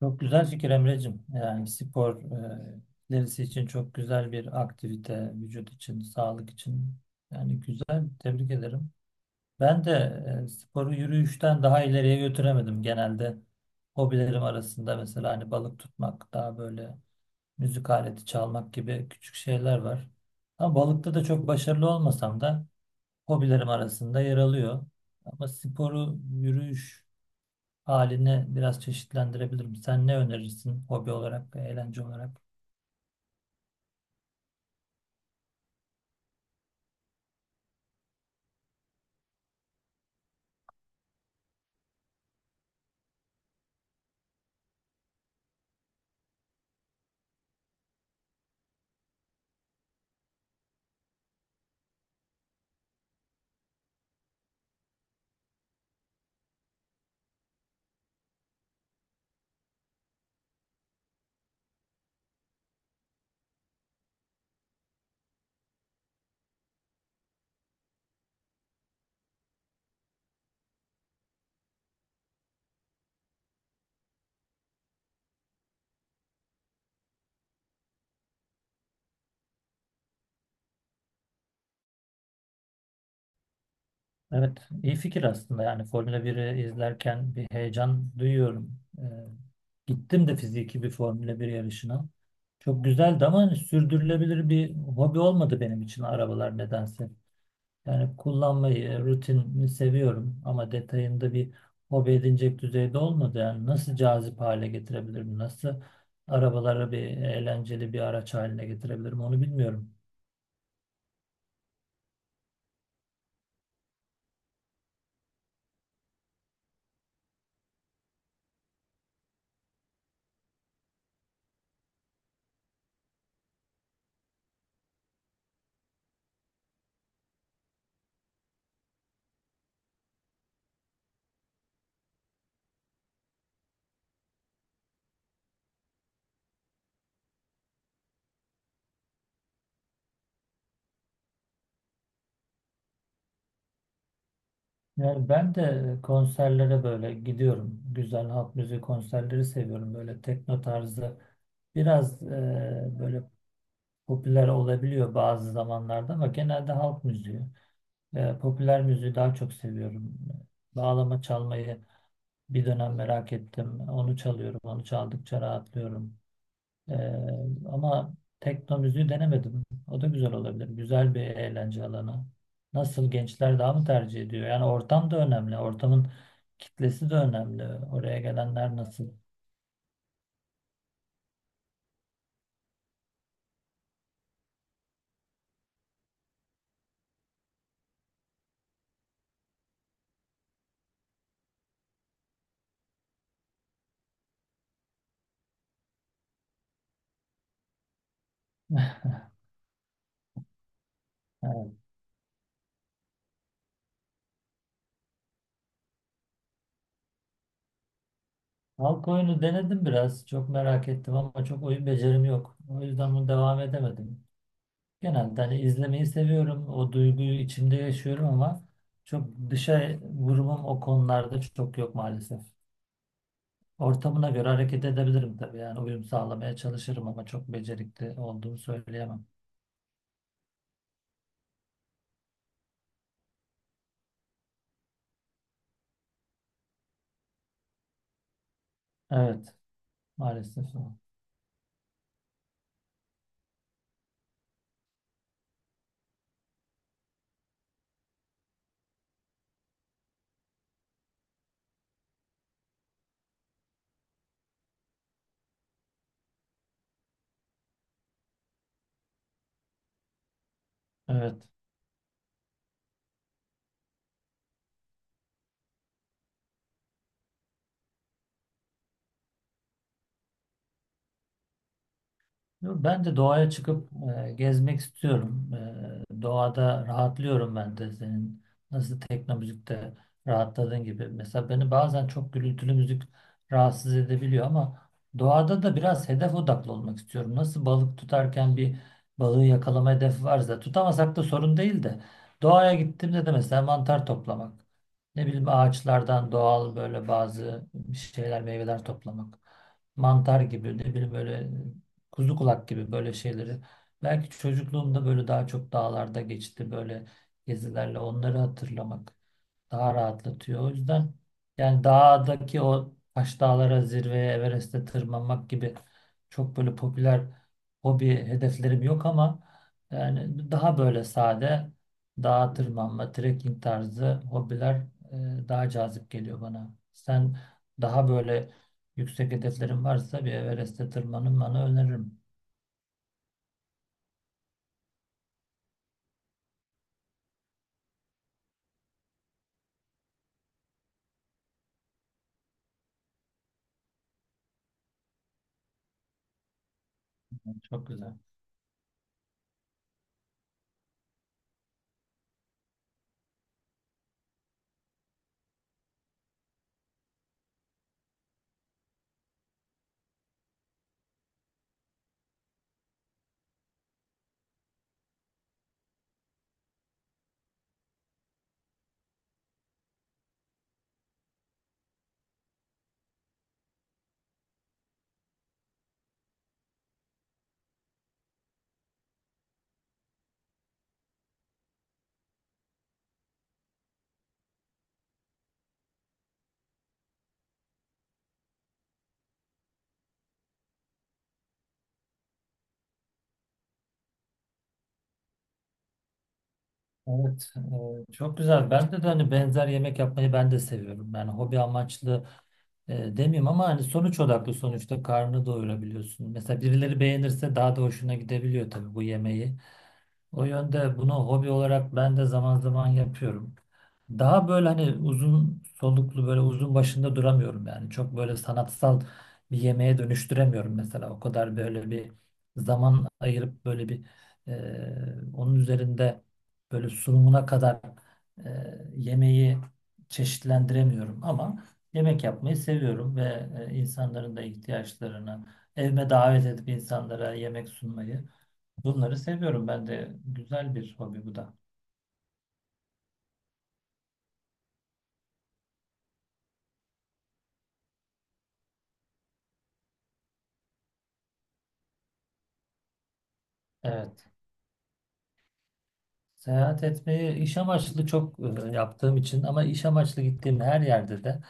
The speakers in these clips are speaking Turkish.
Çok güzel fikir Emre'cim. Yani spor, ilerisi için çok güzel bir aktivite, vücut için, sağlık için. Yani güzel, tebrik ederim. Ben de sporu yürüyüşten daha ileriye götüremedim. Genelde hobilerim arasında mesela hani balık tutmak, daha böyle müzik aleti çalmak gibi küçük şeyler var. Ama balıkta da çok başarılı olmasam da hobilerim arasında yer alıyor. Ama sporu, yürüyüş halini biraz çeşitlendirebilirim. Sen ne önerirsin hobi olarak, eğlence olarak? Evet, iyi fikir aslında. Yani Formula biri izlerken bir heyecan duyuyorum. Gittim de fiziki bir Formula bir yarışına. Çok güzeldi ama hani sürdürülebilir bir hobi olmadı benim için arabalar nedense. Yani kullanmayı, rutinini seviyorum ama detayında bir hobi edinecek düzeyde olmadı. Yani nasıl cazip hale getirebilirim, nasıl arabaları bir eğlenceli bir araç haline getirebilirim onu bilmiyorum. Yani ben de konserlere böyle gidiyorum. Güzel halk müziği konserleri seviyorum. Böyle tekno tarzı biraz, böyle popüler olabiliyor bazı zamanlarda ama genelde halk müziği. Popüler müziği daha çok seviyorum. Bağlama çalmayı bir dönem merak ettim. Onu çalıyorum. Onu çaldıkça rahatlıyorum. Ee, ama tekno müziği denemedim. O da güzel olabilir. Güzel bir eğlence alanı. Nasıl gençler daha mı tercih ediyor? Yani ortam da önemli. Ortamın kitlesi de önemli. Oraya gelenler nasıl? Evet. Halk oyunu denedim biraz. Çok merak ettim ama çok oyun becerim yok. O yüzden bunu devam edemedim. Genelde hani izlemeyi seviyorum. O duyguyu içimde yaşıyorum ama çok dışa vurumum o konularda çok yok maalesef. Ortamına göre hareket edebilirim tabii. Yani uyum sağlamaya çalışırım ama çok becerikli olduğumu söyleyemem. Evet, maalesef. Evet. Ben de doğaya çıkıp gezmek istiyorum. Doğada rahatlıyorum ben de senin nasıl tekno müzikte rahatladığın gibi. Mesela beni bazen çok gürültülü müzik rahatsız edebiliyor ama doğada da biraz hedef odaklı olmak istiyorum. Nasıl balık tutarken bir balığı yakalama hedefi varsa tutamasak da sorun değil de doğaya gittiğimde de mesela mantar toplamak. Ne bileyim ağaçlardan doğal böyle bazı şeyler meyveler toplamak mantar gibi ne bileyim böyle kuzu kulak gibi böyle şeyleri. Belki çocukluğumda böyle daha çok dağlarda geçti böyle gezilerle onları hatırlamak daha rahatlatıyor. O yüzden yani dağdaki o taş dağlara zirveye Everest'e tırmanmak gibi çok böyle popüler hobi hedeflerim yok ama yani daha böyle sade dağa tırmanma, trekking tarzı hobiler daha cazip geliyor bana. Sen daha böyle yüksek hedeflerin varsa bir Everest'e tırmanın bana öneririm. Çok güzel. Evet, çok güzel. Ben de, hani benzer yemek yapmayı ben de seviyorum. Yani hobi amaçlı demeyeyim ama hani sonuç odaklı sonuçta karnını doyurabiliyorsun. Mesela birileri beğenirse daha da hoşuna gidebiliyor tabii bu yemeği. O yönde bunu hobi olarak ben de zaman zaman yapıyorum. Daha böyle hani uzun soluklu böyle uzun başında duramıyorum yani. Çok böyle sanatsal bir yemeğe dönüştüremiyorum mesela. O kadar böyle bir zaman ayırıp böyle bir onun üzerinde böyle sunumuna kadar e, yemeği çeşitlendiremiyorum ama yemek yapmayı seviyorum ve insanların da ihtiyaçlarını evime davet edip insanlara yemek sunmayı bunları seviyorum ben de. Güzel bir hobi bu da. Evet. Seyahat etmeyi iş amaçlı çok yaptığım için ama iş amaçlı gittiğim her yerde de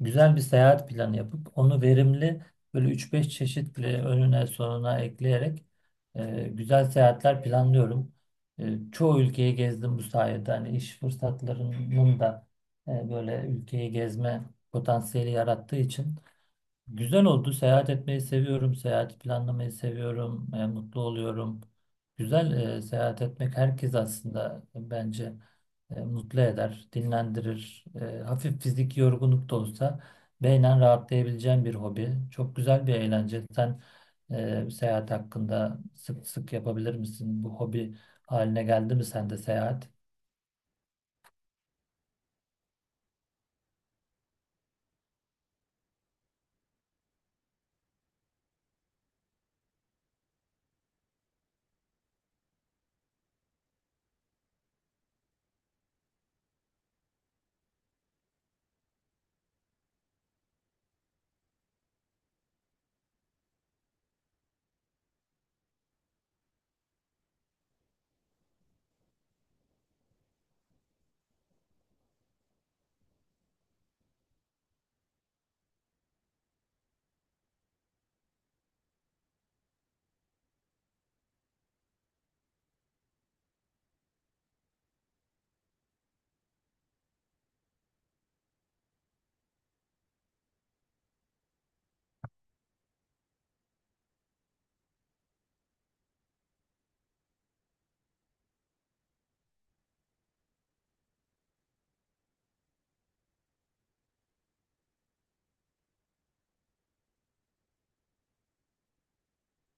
güzel bir seyahat planı yapıp onu verimli böyle üç beş çeşit bile önüne sonuna ekleyerek güzel seyahatler planlıyorum. Çoğu ülkeyi gezdim bu sayede. Hani iş fırsatlarının da böyle ülkeyi gezme potansiyeli yarattığı için güzel oldu. Seyahat etmeyi seviyorum. Seyahat planlamayı seviyorum. Mutlu oluyorum. Güzel. Seyahat etmek herkes aslında bence mutlu eder, dinlendirir. Hafif fiziki yorgunluk da olsa beynen rahatlayabileceğin bir hobi. Çok güzel bir eğlence. Sen seyahat hakkında sık sık yapabilir misin? Bu hobi haline geldi mi sende seyahat?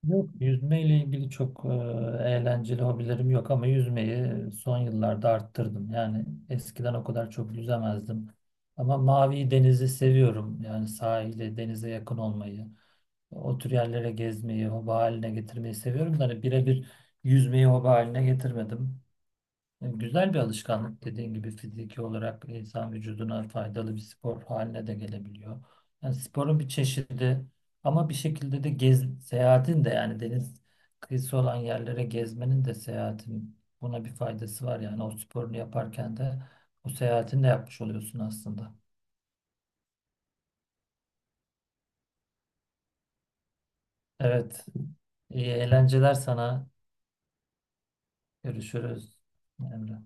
Yok, yüzmeyle ilgili çok eğlenceli hobilerim yok ama yüzmeyi son yıllarda arttırdım. Yani eskiden o kadar çok yüzemezdim. Ama mavi denizi seviyorum. Yani sahile, denize yakın olmayı, o tür yerlere gezmeyi, hobi haline getirmeyi seviyorum. Da hani birebir yüzmeyi hobi haline getirmedim. Güzel bir alışkanlık dediğin gibi fiziki olarak insan vücuduna faydalı bir spor haline de gelebiliyor. Yani sporun bir çeşidi ama bir şekilde de gez, seyahatin de yani deniz kıyısı olan yerlere gezmenin de seyahatin buna bir faydası var. Yani o sporunu yaparken de o seyahatini de yapmış oluyorsun aslında. Evet, iyi eğlenceler sana. Görüşürüz Emre.